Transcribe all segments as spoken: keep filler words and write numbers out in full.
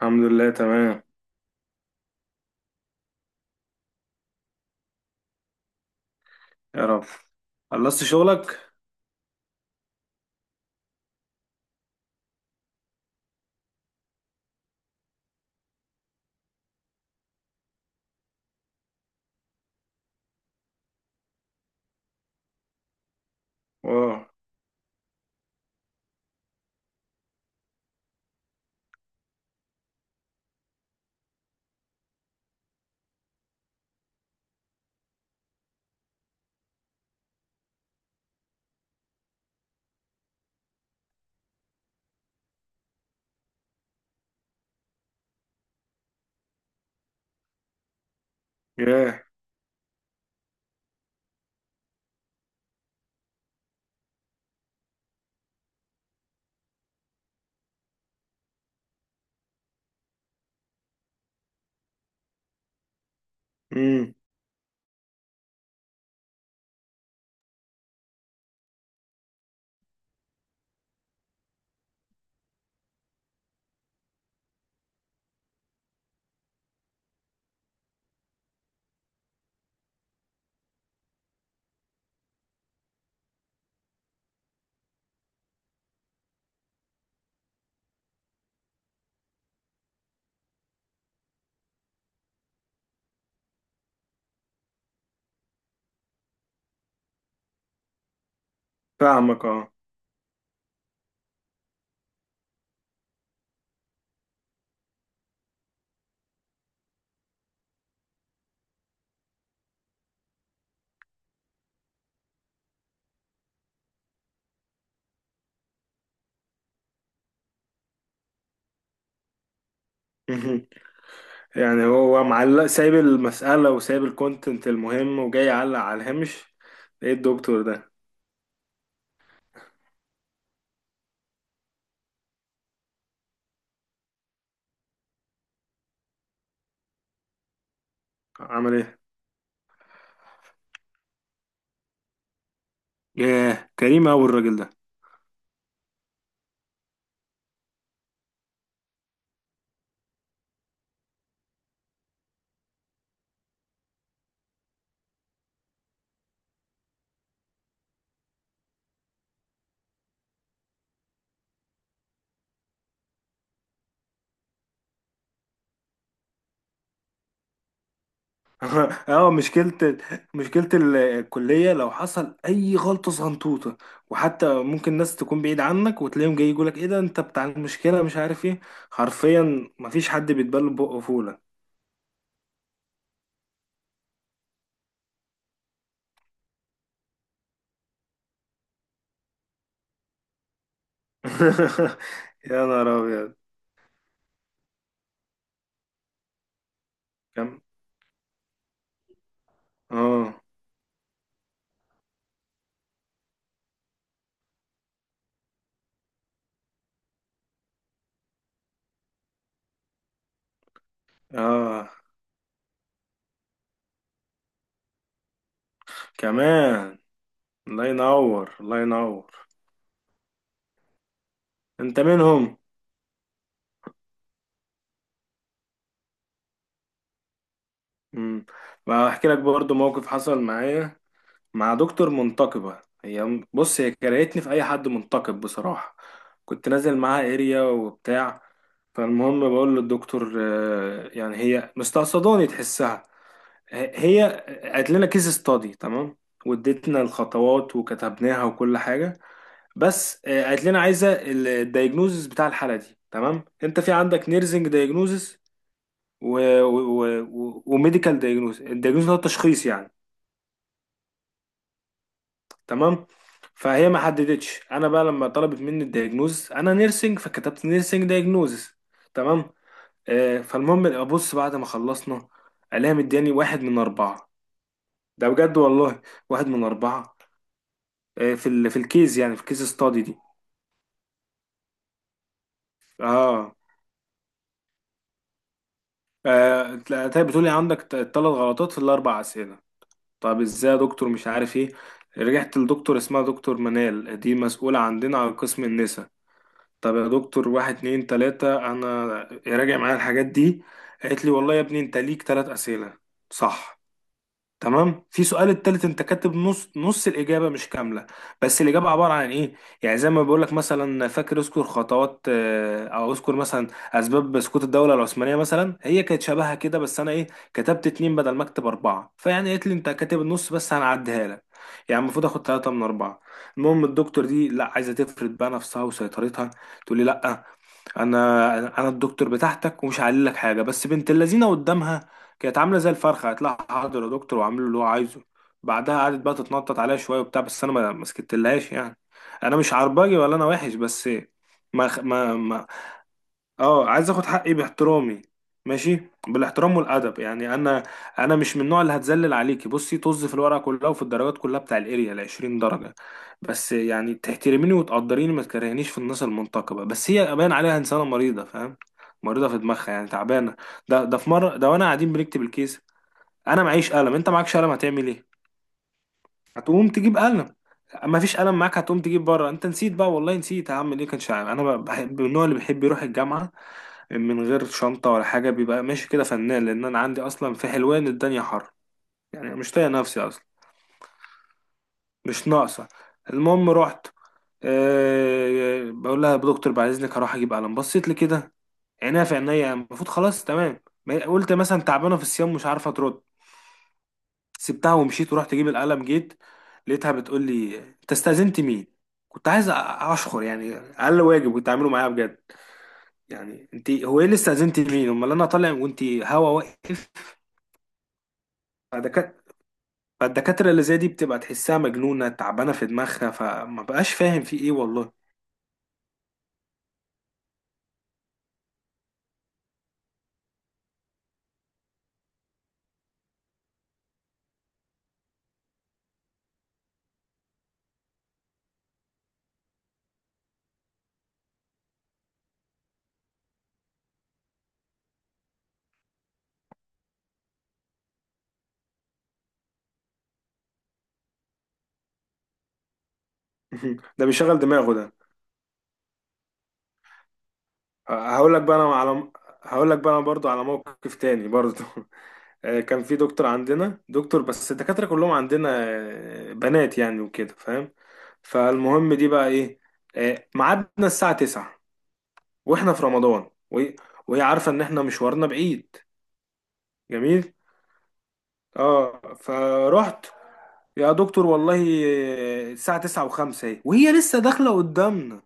الحمد لله تمام يا رب. خلصت شغلك؟ واو. ياه. امم. فاهمك اه. مهم. يعني هو معلق، سايب المسألة وسايب الكونتنت المهم وجاي يعلق على الهامش. ايه الدكتور ده؟ عمل ايه؟ ياه، كريم اوي الراجل ده. اه، مشكلة. مشكلة ال- الكلية لو حصل أي غلطة صغنطوطة، وحتى ممكن ناس تكون بعيد عنك وتلاقيهم جاي يقولك ايه ده انت بتاع المشكلة مش عارف ايه. حرفيا مفيش حد بيتبل بقه فولة. يا نهار ابيض. كم؟ اه اه، كمان. الله ينور، الله ينور. انت منهم؟ امم. بحكي لك برضو موقف حصل معايا مع دكتور منتقبة. هي بص، هي كرهتني في اي حد منتقب بصراحة. كنت نازل معاها اريا وبتاع. فالمهم بقول للدكتور آه، يعني هي مستقصداني تحسها. ه- هي قالت لنا كيس ستادي، تمام، واديتنا الخطوات وكتبناها وكل حاجة. بس آه، قالت لنا عايزه الدايجنوزس بتاع الحاله دي. تمام، انت في عندك نيرزنج دايجنوزس وميديكال دايجنوزس. الدايجنوزس هو التشخيص يعني. تمام، فهي ما حددتش. انا بقى لما طلبت مني الدايجنوزس، انا نيرسنج فكتبت نيرسنج دايجنوزس. تمام. آه، فالمهم ابص بعد ما خلصنا، الاقيها مدياني واحد من اربعه. ده بجد والله، واحد من اربعه. آه، في ال في الكيس، يعني في الكيس ستادي دي. اه. آه، تلاقي بتقولي عندك ثلاث غلطات في الاربع اسئله. طب ازاي يا دكتور؟ مش عارف ايه. رجعت لدكتور اسمها دكتور منال دي، مسؤوله عندنا على قسم النساء. طب يا دكتور، واحد اتنين تلاته، انا راجع معايا الحاجات دي. قالت لي والله يا ابني انت ليك ثلاث اسئله صح، تمام. في سؤال التالت انت كاتب نص، نص الاجابه مش كامله. بس الاجابه عباره عن ايه؟ يعني زي ما بقول لك، مثلا فاكر اذكر خطوات آه، او اذكر مثلا اسباب سقوط الدوله العثمانيه مثلا، هي كانت شبهها كده، بس انا ايه، كتبت اتنين بدل ما اكتب اربعه. فيعني قالت لي انت كاتب النص بس هنعديها لك. يعني المفروض اخد ثلاثة من أربعة. المهم الدكتور دي لا، عايزة تفرد بقى نفسها وسيطرتها. تقول لي لا، انا انا الدكتور بتاعتك ومش هعلي لك حاجه. بس بنت اللذينه قدامها كانت عامله زي الفرخه. هتلاقي حاضر يا دكتور، وعامله اللي هو عايزه. بعدها قعدت بقى تتنطط عليا شويه وبتاع، بس انا ما ما سكتلهاش يعني. انا مش عربجي ولا انا وحش، بس ما ما ما اه، عايز اخد حقي باحترامي، ماشي، بالاحترام والادب يعني. انا انا مش من النوع اللي هتذلل عليكي. بصي طز في الورقه كلها وفي الدرجات كلها بتاع الاريا ال عشرين درجه، بس يعني تحترميني وتقدريني، ما تكرهنيش في الناس المنتقبه. بس هي باين عليها انسانه مريضه، فاهم؟ مريضه في دماغها يعني، تعبانه. ده ده في مره ده وانا قاعدين بنكتب الكيس، انا معيش قلم، انت معكش قلم، هتعمل ايه؟ هتقوم تجيب قلم. ما فيش قلم معاك، هتقوم تجيب بره. انت نسيت بقى، والله نسيت، هعمل ايه؟ كانش عارف. انا بحب، من النوع اللي بيحب يروح الجامعه من غير شنطة ولا حاجة، بيبقى ماشي كده فنان، لأن أنا عندي أصلا في حلوان الدنيا حر، يعني مش طايق نفسي أصلا. مش ناقصة. المهم رحت، أه بقول لها يا دكتور بعد إذنك هروح أجيب قلم. بصيت لي كده، عينيها في عينيا، المفروض خلاص تمام. ما- قلت مثلا تعبانة في الصيام، مش عارفة ترد. سبتها ومشيت ورحت أجيب القلم. جيت لقيتها بتقول لي أنت استأذنت مين؟ كنت عايز أ- أشخر، يعني أقل واجب كنت أعمله معاها بجد. يعني أنت هو إيه اللي استأذنت مين؟ أمال أنا طالع، وأنت هوا واقف. فده كان. فالدكاترة اللي زي دي بتبقى تحسها مجنونة، تعبانة في دماغها، فما بقاش فاهم في ايه والله. ده بيشغل دماغه ده. هقول لك بقى انا على، هقول لك بقى انا برضو على موقف تاني برضو. آه، كان في دكتور عندنا، دكتور، بس الدكاترة كلهم عندنا آه، بنات يعني وكده، فاهم؟ فالمهم دي بقى ايه، آه، ميعادنا الساعة تسعة، واحنا في رمضان، وهي وهي عارفة ان احنا مشوارنا بعيد. جميل. اه، فرحت يا دكتور والله. الساعة تسعة وخمسة اهي، وهي لسه داخلة قدامنا.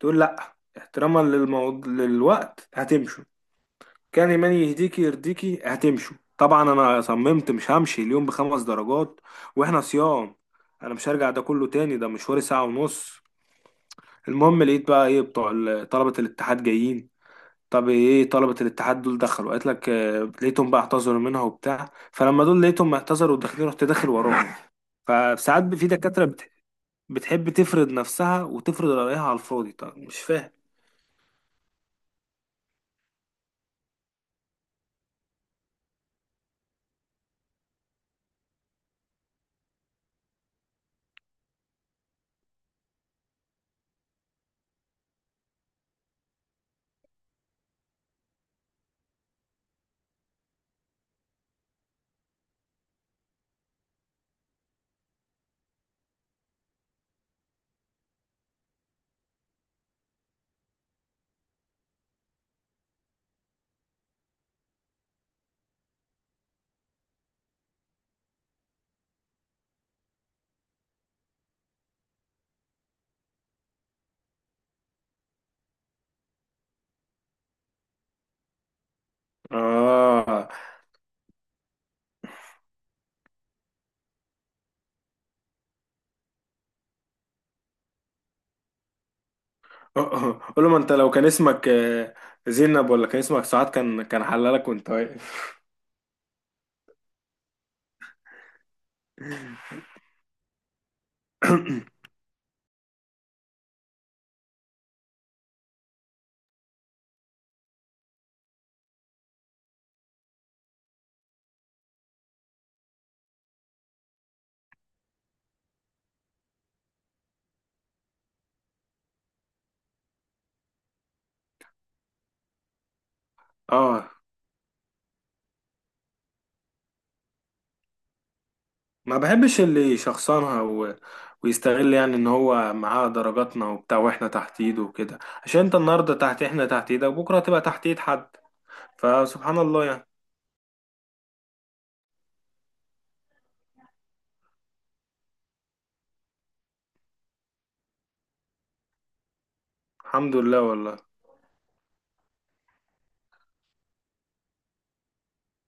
تقول لأ، احتراما للموض... للوقت هتمشوا. كان إيماني يهديكي يرضيكي هتمشوا. طبعا أنا صممت مش همشي اليوم بخمس درجات وإحنا صيام. أنا مش هرجع ده كله تاني، ده مشواري ساعة ونص. المهم لقيت بقى إيه، بتوع ال- طلبة الاتحاد جايين. طب ايه طلبة الاتحاد دول دخلوا قالت لك؟ آه، لقيتهم بقى اعتذروا منها وبتاع، فلما دول لقيتهم اعتذروا وداخلين، رحت داخل وراهم. فساعات في دكاترة بت- بتحب تفرض نفسها وتفرض رأيها على الفاضي، طب مش فاهم. اه. قول له ما انت لو كان اسمك آه، زينب، ولا كان اسمك سعاد، كان كان حلالك وانت واقف. اه، ما بحبش اللي يشخصنها و... ويستغل، يعني ان هو معاه درجاتنا وبتاع واحنا تحت ايده وكده. عشان انت النهارده تحت، احنا تحت ايدك، وبكره هتبقى تحت ايد حد. فسبحان الله يعني. الحمد لله والله.